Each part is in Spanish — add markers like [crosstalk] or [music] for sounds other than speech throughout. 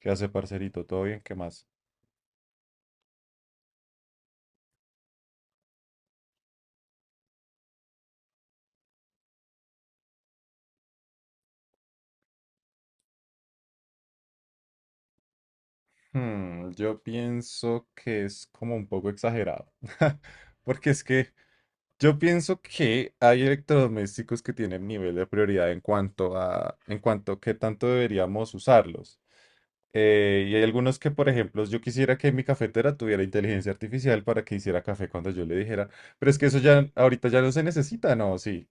¿Qué hace, parcerito? ¿Todo bien? ¿Qué más? Yo pienso que es como un poco exagerado. [laughs] Porque es que yo pienso que hay electrodomésticos que tienen nivel de prioridad en cuanto a qué tanto deberíamos usarlos. Y hay algunos que, por ejemplo, yo quisiera que mi cafetera tuviera inteligencia artificial para que hiciera café cuando yo le dijera, pero es que eso ya ahorita ya no se necesita, ¿no? Sí,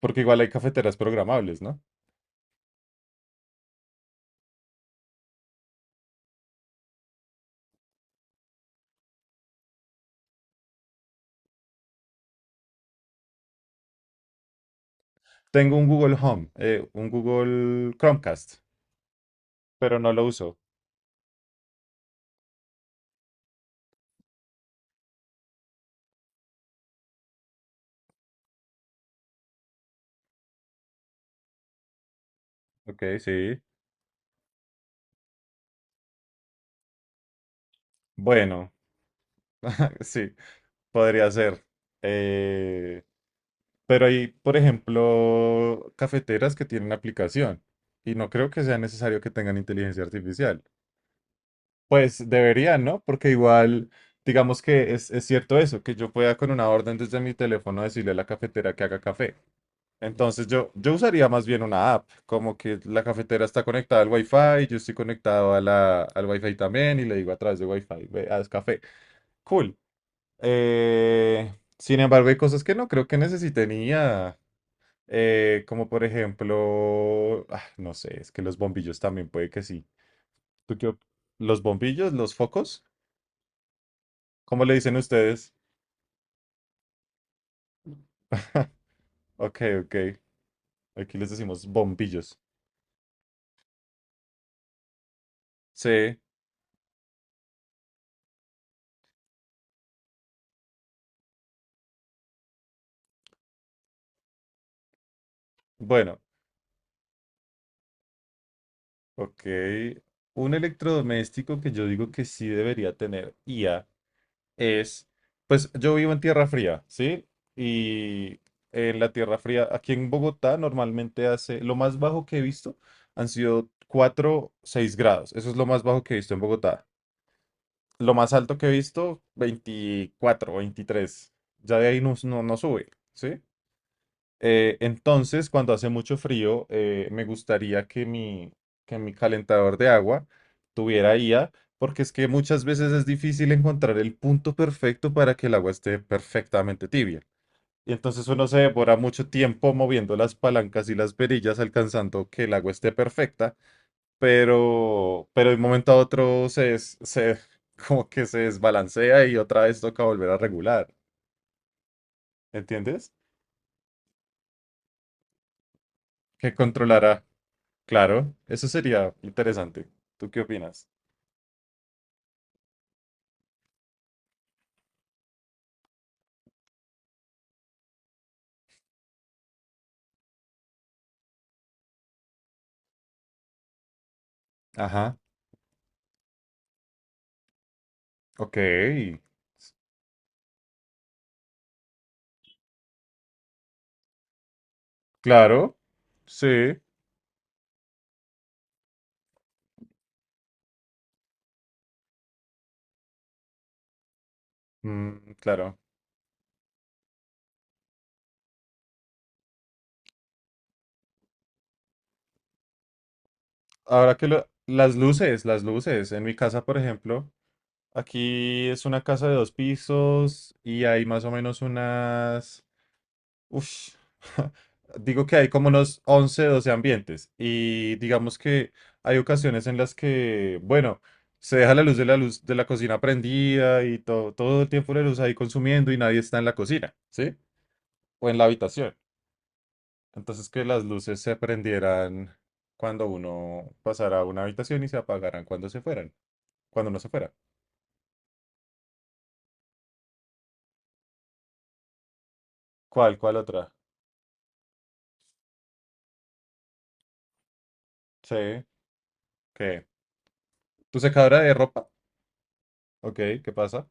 porque igual hay cafeteras programables, ¿no? Tengo un Google Home, un Google Chromecast. Pero no lo uso. Ok, sí. Bueno, [laughs] sí, podría ser. Eh, pero hay, por ejemplo, cafeteras que tienen aplicación y no creo que sea necesario que tengan inteligencia artificial. Pues deberían, ¿no? Porque igual, digamos que es cierto eso, que yo pueda con una orden desde mi teléfono decirle a la cafetera que haga café. Entonces yo usaría más bien una app, como que la cafetera está conectada al Wi-Fi, yo estoy conectado a al Wi-Fi también y le digo a través de Wi-Fi, ve, haz café. Cool. Sin embargo, hay cosas que no creo que necesite niña. Como por ejemplo, no sé, es que los bombillos también puede que sí. ¿Tú qué op- ¿Los bombillos? ¿Los focos? ¿Cómo le dicen ustedes? [laughs] Ok, ok. Aquí les decimos bombillos. Sí, bueno, ok. Un electrodoméstico que yo digo que sí debería tener IA es, pues yo vivo en Tierra Fría, ¿sí? Y en la Tierra Fría, aquí en Bogotá, normalmente hace, lo más bajo que he visto han sido 4-6 grados. Eso es lo más bajo que he visto en Bogotá. Lo más alto que he visto, 24, 23. Ya de ahí no sube, ¿sí? Entonces, cuando hace mucho frío, me gustaría que mi calentador de agua tuviera IA, porque es que muchas veces es difícil encontrar el punto perfecto para que el agua esté perfectamente tibia. Y entonces uno se devora mucho tiempo moviendo las palancas y las perillas, alcanzando que el agua esté perfecta, pero de un momento a otro se [laughs] como que se desbalancea y otra vez toca volver a regular. ¿Entiendes? Que controlará. Claro, eso sería interesante. ¿Tú qué opinas? Ajá, ok. Claro, sí, mm, claro. Las luces, las luces. En mi casa, por ejemplo, aquí es una casa de dos pisos y hay más o menos unas Ush, [laughs] digo que hay como unos 11-12 ambientes y digamos que hay ocasiones en las que, bueno, se deja la luz de la cocina prendida y todo, todo el tiempo la luz ahí consumiendo y nadie está en la cocina, ¿sí? O en la habitación. Entonces que las luces se prendieran cuando uno pasara a una habitación y se apagaran cuando se fueran, cuando no se fuera. ¿Cuál otra? Sí, ¿qué? ¿Tu secadora de ropa? Ok, ¿qué pasa?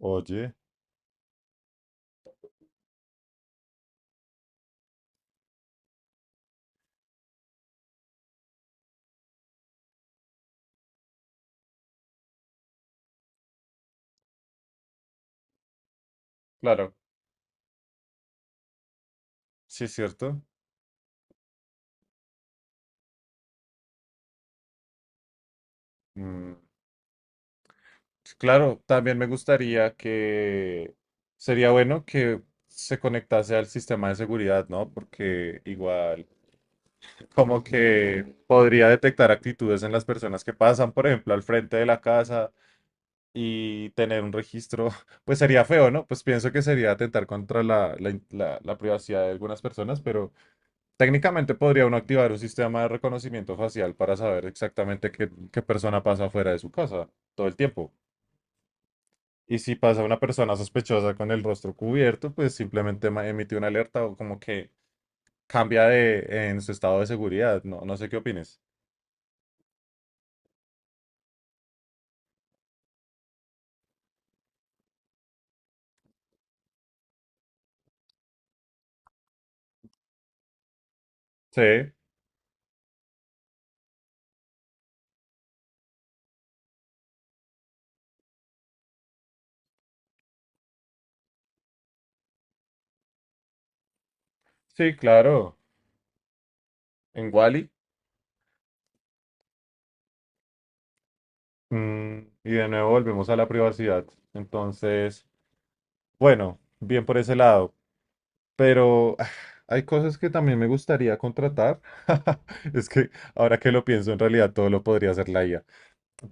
Oye, claro, sí es cierto. Mm, sí, claro, también me gustaría que sería bueno que se conectase al sistema de seguridad, ¿no? Porque igual como que podría detectar actitudes en las personas que pasan, por ejemplo, al frente de la casa y tener un registro, [laughs] pues sería feo, ¿no? Pues pienso que sería atentar contra la privacidad de algunas personas, pero técnicamente podría uno activar un sistema de reconocimiento facial para saber exactamente qué persona pasa fuera de su casa todo el tiempo. Y si pasa una persona sospechosa con el rostro cubierto, pues simplemente emite una alerta o como que cambia de en su estado de seguridad. No, no sé qué opines. Sí, sí, claro. En Wally. Mm, y de nuevo volvemos a la privacidad. Entonces, bueno, bien por ese lado. Pero hay cosas que también me gustaría contratar. [laughs] Es que ahora que lo pienso, en realidad todo lo podría hacer la IA.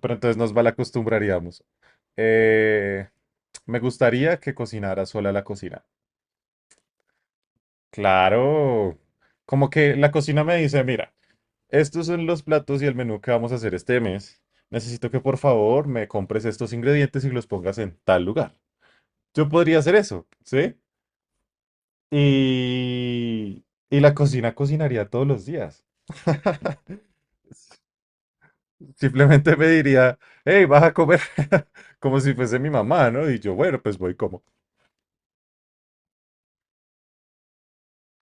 Pero entonces nos malacostumbraríamos. Eh, Me gustaría que cocinara sola la cocina. Claro. Como que la cocina me dice, mira, estos son los platos y el menú que vamos a hacer este mes. Necesito que por favor me compres estos ingredientes y los pongas en tal lugar. Yo podría hacer eso, ¿sí? Y... y la cocina cocinaría todos los días. [laughs] Simplemente me diría, hey, vas a comer [laughs] como si fuese mi mamá, ¿no? Y yo, bueno, pues voy y como.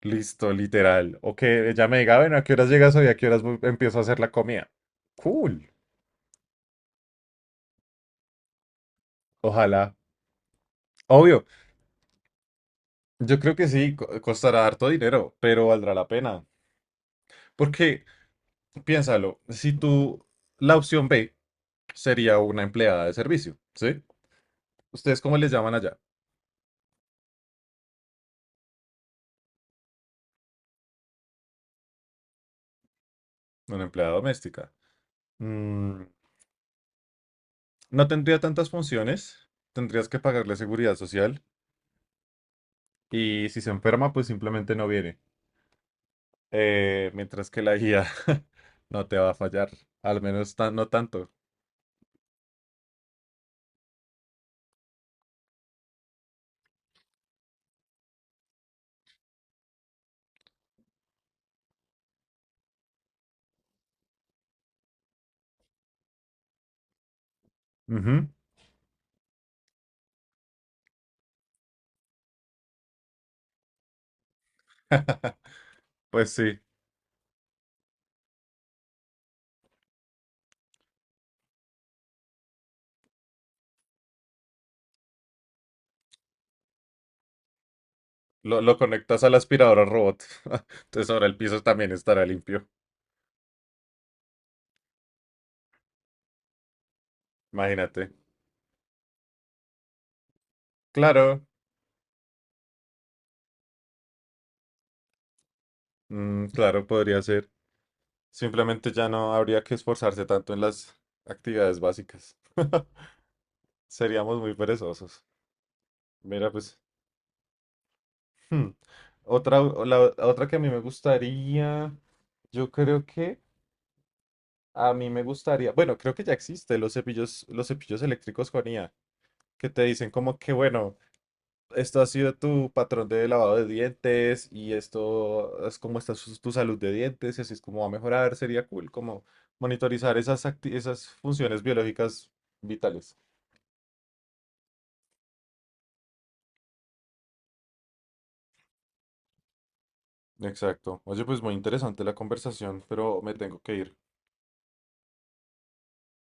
Listo, literal. O que ella me diga, bueno, ¿a qué horas llegas hoy? ¿A qué horas empiezo a hacer la comida? Cool. Ojalá. Obvio, yo creo que sí, costará harto dinero, pero valdrá la pena. Porque, piénsalo, si tú, la opción B sería una empleada de servicio, ¿sí? ¿Ustedes cómo les llaman allá? Una empleada doméstica. Mm, no tendría tantas funciones, tendrías que pagarle seguridad social y si se enferma, pues simplemente no viene. Mientras que la guía [laughs] no te va a fallar, al menos no tanto. Ujú. [laughs] Pues sí, lo conectas a la aspiradora robot, [laughs] entonces ahora el piso también estará limpio, imagínate. Claro, mm, claro, podría ser. Simplemente ya no habría que esforzarse tanto en las actividades básicas. [laughs] Seríamos muy perezosos. Mira, pues, hmm, Otra, otra que a mí me gustaría, yo creo que a mí me gustaría, bueno, creo que ya existe los cepillos eléctricos con IA, que te dicen como que, bueno, esto ha sido tu patrón de lavado de dientes y esto es como está tu salud de dientes y así es como va a mejorar, sería cool, como monitorizar esas funciones biológicas vitales. Exacto. Oye, pues muy interesante la conversación, pero me tengo que ir.